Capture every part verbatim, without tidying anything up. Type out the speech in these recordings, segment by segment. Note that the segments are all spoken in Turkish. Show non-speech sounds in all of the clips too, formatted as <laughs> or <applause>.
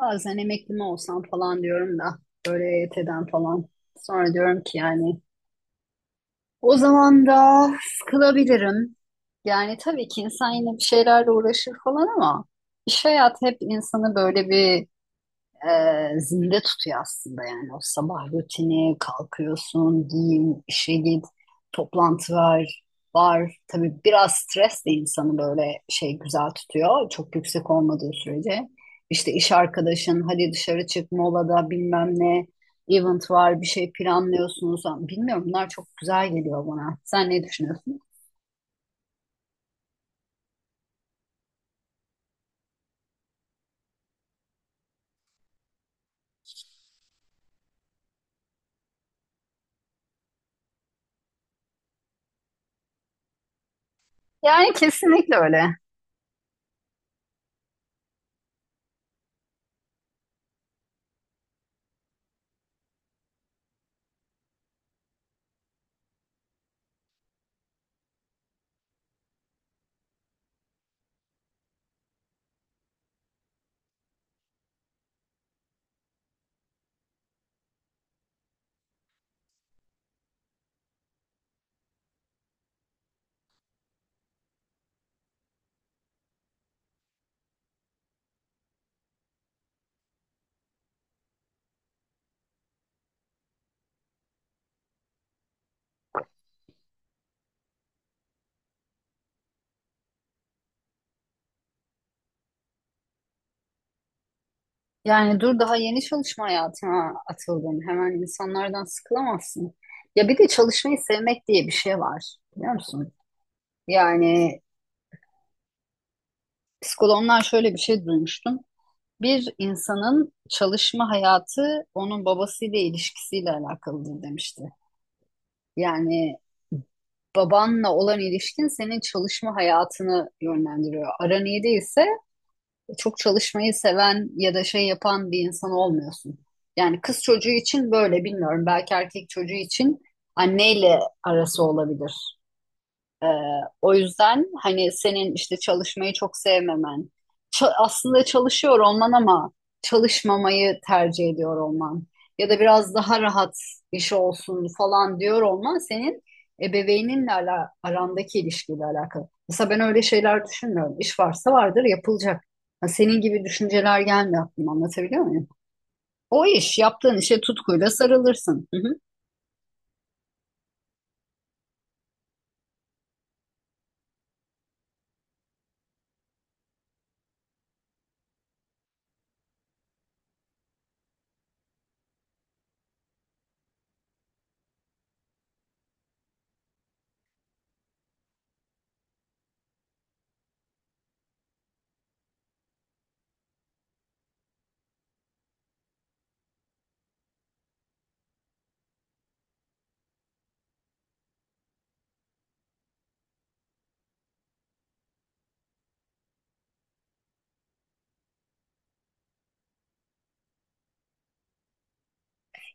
Bazen emekli mi olsam falan diyorum da böyle E Y T'den falan. Sonra diyorum ki yani o zaman da sıkılabilirim. Yani tabii ki insan yine bir şeylerle uğraşır falan ama iş hayatı hep insanı böyle bir e, zinde tutuyor aslında yani o sabah rutini kalkıyorsun giyin işe git toplantı var var tabii biraz stres de insanı böyle şey güzel tutuyor çok yüksek olmadığı sürece işte iş arkadaşın hadi dışarı çık molada bilmem ne event var bir şey planlıyorsunuz bilmiyorum bunlar çok güzel geliyor bana sen ne düşünüyorsun? Yani kesinlikle öyle. Yani dur daha yeni çalışma hayatına atıldın. Hemen insanlardan sıkılamazsın. Ya bir de çalışmayı sevmek diye bir şey var. Biliyor musun? Yani psikologlar şöyle bir şey duymuştum. Bir insanın çalışma hayatı onun babasıyla ilişkisiyle alakalıdır demişti. Yani babanla olan ilişkin senin çalışma hayatını yönlendiriyor. Aran iyi değilse çok çalışmayı seven ya da şey yapan bir insan olmuyorsun. Yani kız çocuğu için böyle bilmiyorum. Belki erkek çocuğu için anneyle arası olabilir. Ee, o yüzden hani senin işte çalışmayı çok sevmemen, ça- aslında çalışıyor olman ama çalışmamayı tercih ediyor olman ya da biraz daha rahat iş olsun falan diyor olman senin ebeveyninle ala- arandaki ilişkiyle alakalı. Mesela ben öyle şeyler düşünmüyorum. İş varsa vardır yapılacak. Ha, senin gibi düşünceler gelmiyor aklıma, anlatabiliyor muyum? O iş, yaptığın işe tutkuyla sarılırsın. Hı hı.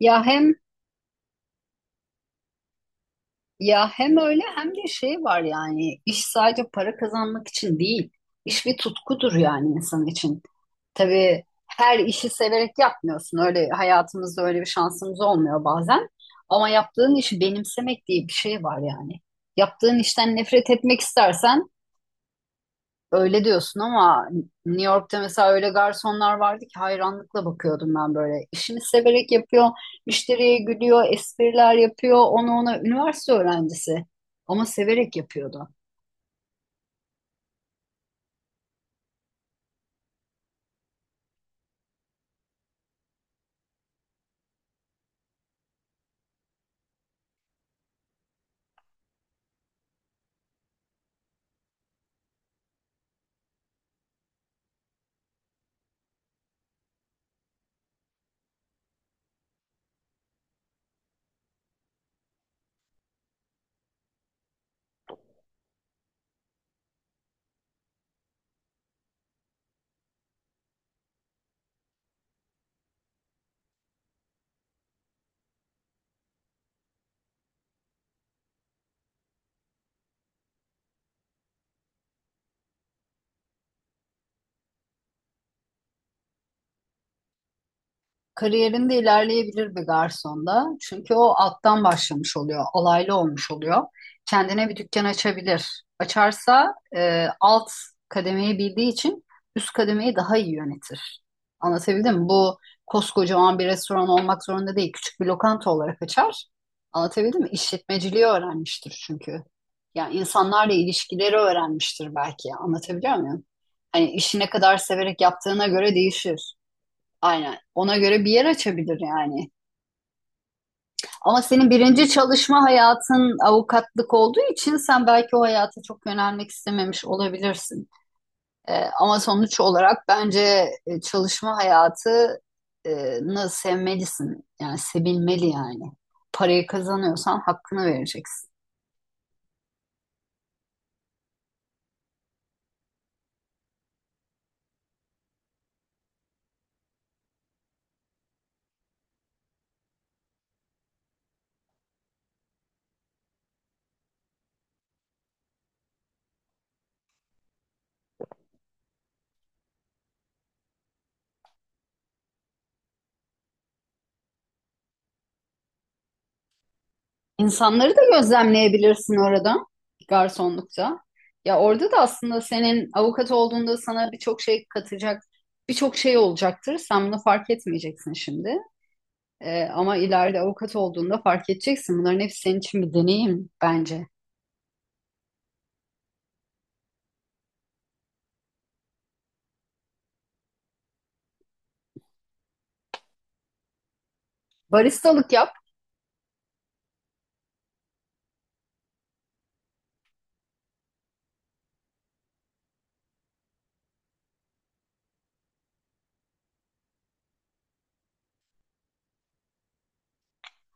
Ya hem Ya hem öyle hem de şey var, yani iş sadece para kazanmak için değil. İş bir tutkudur yani insan için. Tabii her işi severek yapmıyorsun. Öyle hayatımızda öyle bir şansımız olmuyor bazen. Ama yaptığın işi benimsemek diye bir şey var yani. Yaptığın işten nefret etmek istersen. Öyle diyorsun ama New York'ta mesela öyle garsonlar vardı ki hayranlıkla bakıyordum ben böyle. İşini severek yapıyor, müşteriye gülüyor, espriler yapıyor. Onu, ona üniversite öğrencisi ama severek yapıyordu. Kariyerinde ilerleyebilir bir garsonda. Çünkü o alttan başlamış oluyor, alaylı olmuş oluyor. Kendine bir dükkan açabilir. Açarsa e, alt kademeyi bildiği için üst kademeyi daha iyi yönetir. Anlatabildim mi? Bu koskocaman bir restoran olmak zorunda değil. Küçük bir lokanta olarak açar. Anlatabildim mi? İşletmeciliği öğrenmiştir çünkü. Yani insanlarla ilişkileri öğrenmiştir belki. Anlatabiliyor muyum? Hani işi ne kadar severek yaptığına göre değişir. Aynen. Ona göre bir yer açabilir yani. Ama senin birinci çalışma hayatın avukatlık olduğu için sen belki o hayata çok yönelmek istememiş olabilirsin. Ee, ama sonuç olarak bence e, çalışma hayatını sevmelisin. Yani sevilmeli yani. Parayı kazanıyorsan hakkını vereceksin. İnsanları da gözlemleyebilirsin orada, garsonlukta. Ya orada da aslında senin avukat olduğunda sana birçok şey katacak, birçok şey olacaktır. Sen bunu fark etmeyeceksin şimdi. Ee, ama ileride avukat olduğunda fark edeceksin. Bunların hepsi senin için bir deneyim bence. Baristalık yap.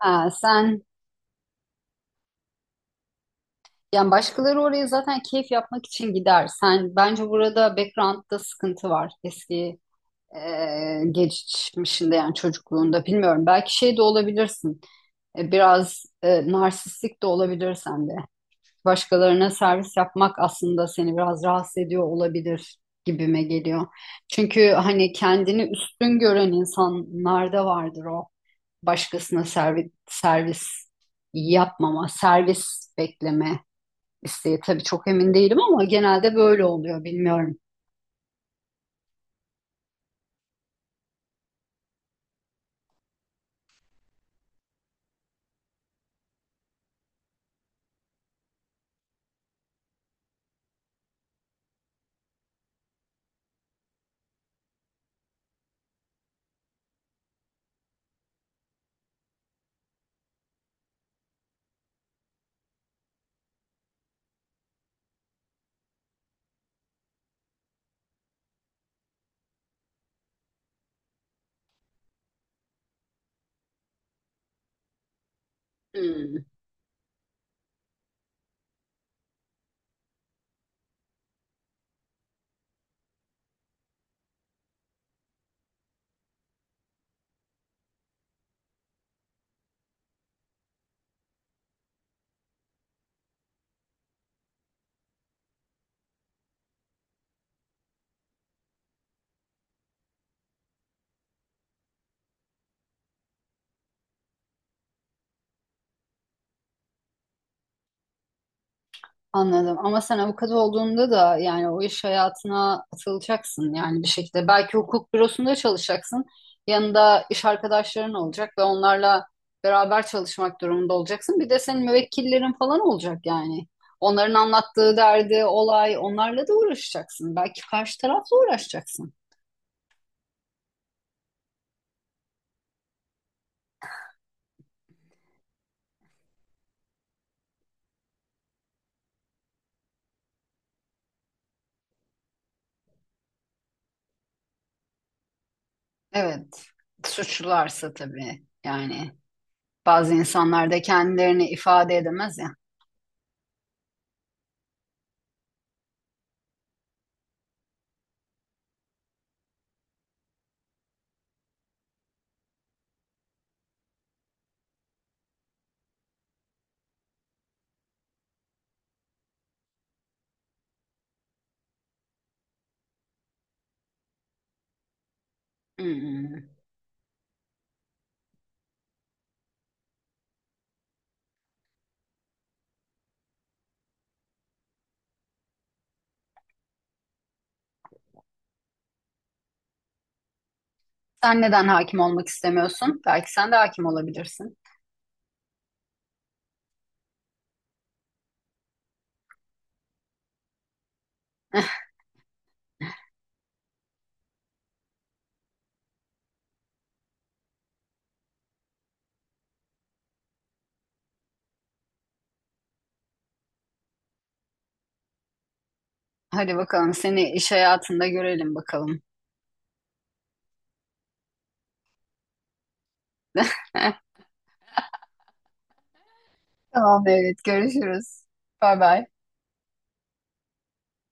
Ha, sen, yani başkaları oraya zaten keyif yapmak için gider. Sen bence burada background'da sıkıntı var. Eski e, geçmişinde yani çocukluğunda bilmiyorum. Belki şey de olabilirsin. E, Biraz e, narsistik de olabilir sende. Başkalarına servis yapmak aslında seni biraz rahatsız ediyor olabilir gibime geliyor. Çünkü hani kendini üstün gören insanlarda vardır o. Başkasına servis, servis yapmama, servis bekleme isteği. Tabii çok emin değilim ama genelde böyle oluyor, bilmiyorum. Hmm. Anladım. Ama sen avukat olduğunda da yani o iş hayatına atılacaksın yani bir şekilde. Belki hukuk bürosunda çalışacaksın. Yanında iş arkadaşların olacak ve onlarla beraber çalışmak durumunda olacaksın. Bir de senin müvekkillerin falan olacak yani. Onların anlattığı derdi, olay, onlarla da uğraşacaksın. Belki karşı tarafla uğraşacaksın. Evet. Suçlularsa tabii yani, bazı insanlar da kendilerini ifade edemez ya. Hmm. Sen neden hakim olmak istemiyorsun? Belki sen de hakim olabilirsin. <laughs> Hadi bakalım, seni iş hayatında görelim bakalım. <laughs> Tamam, evet, görüşürüz. Bay bay.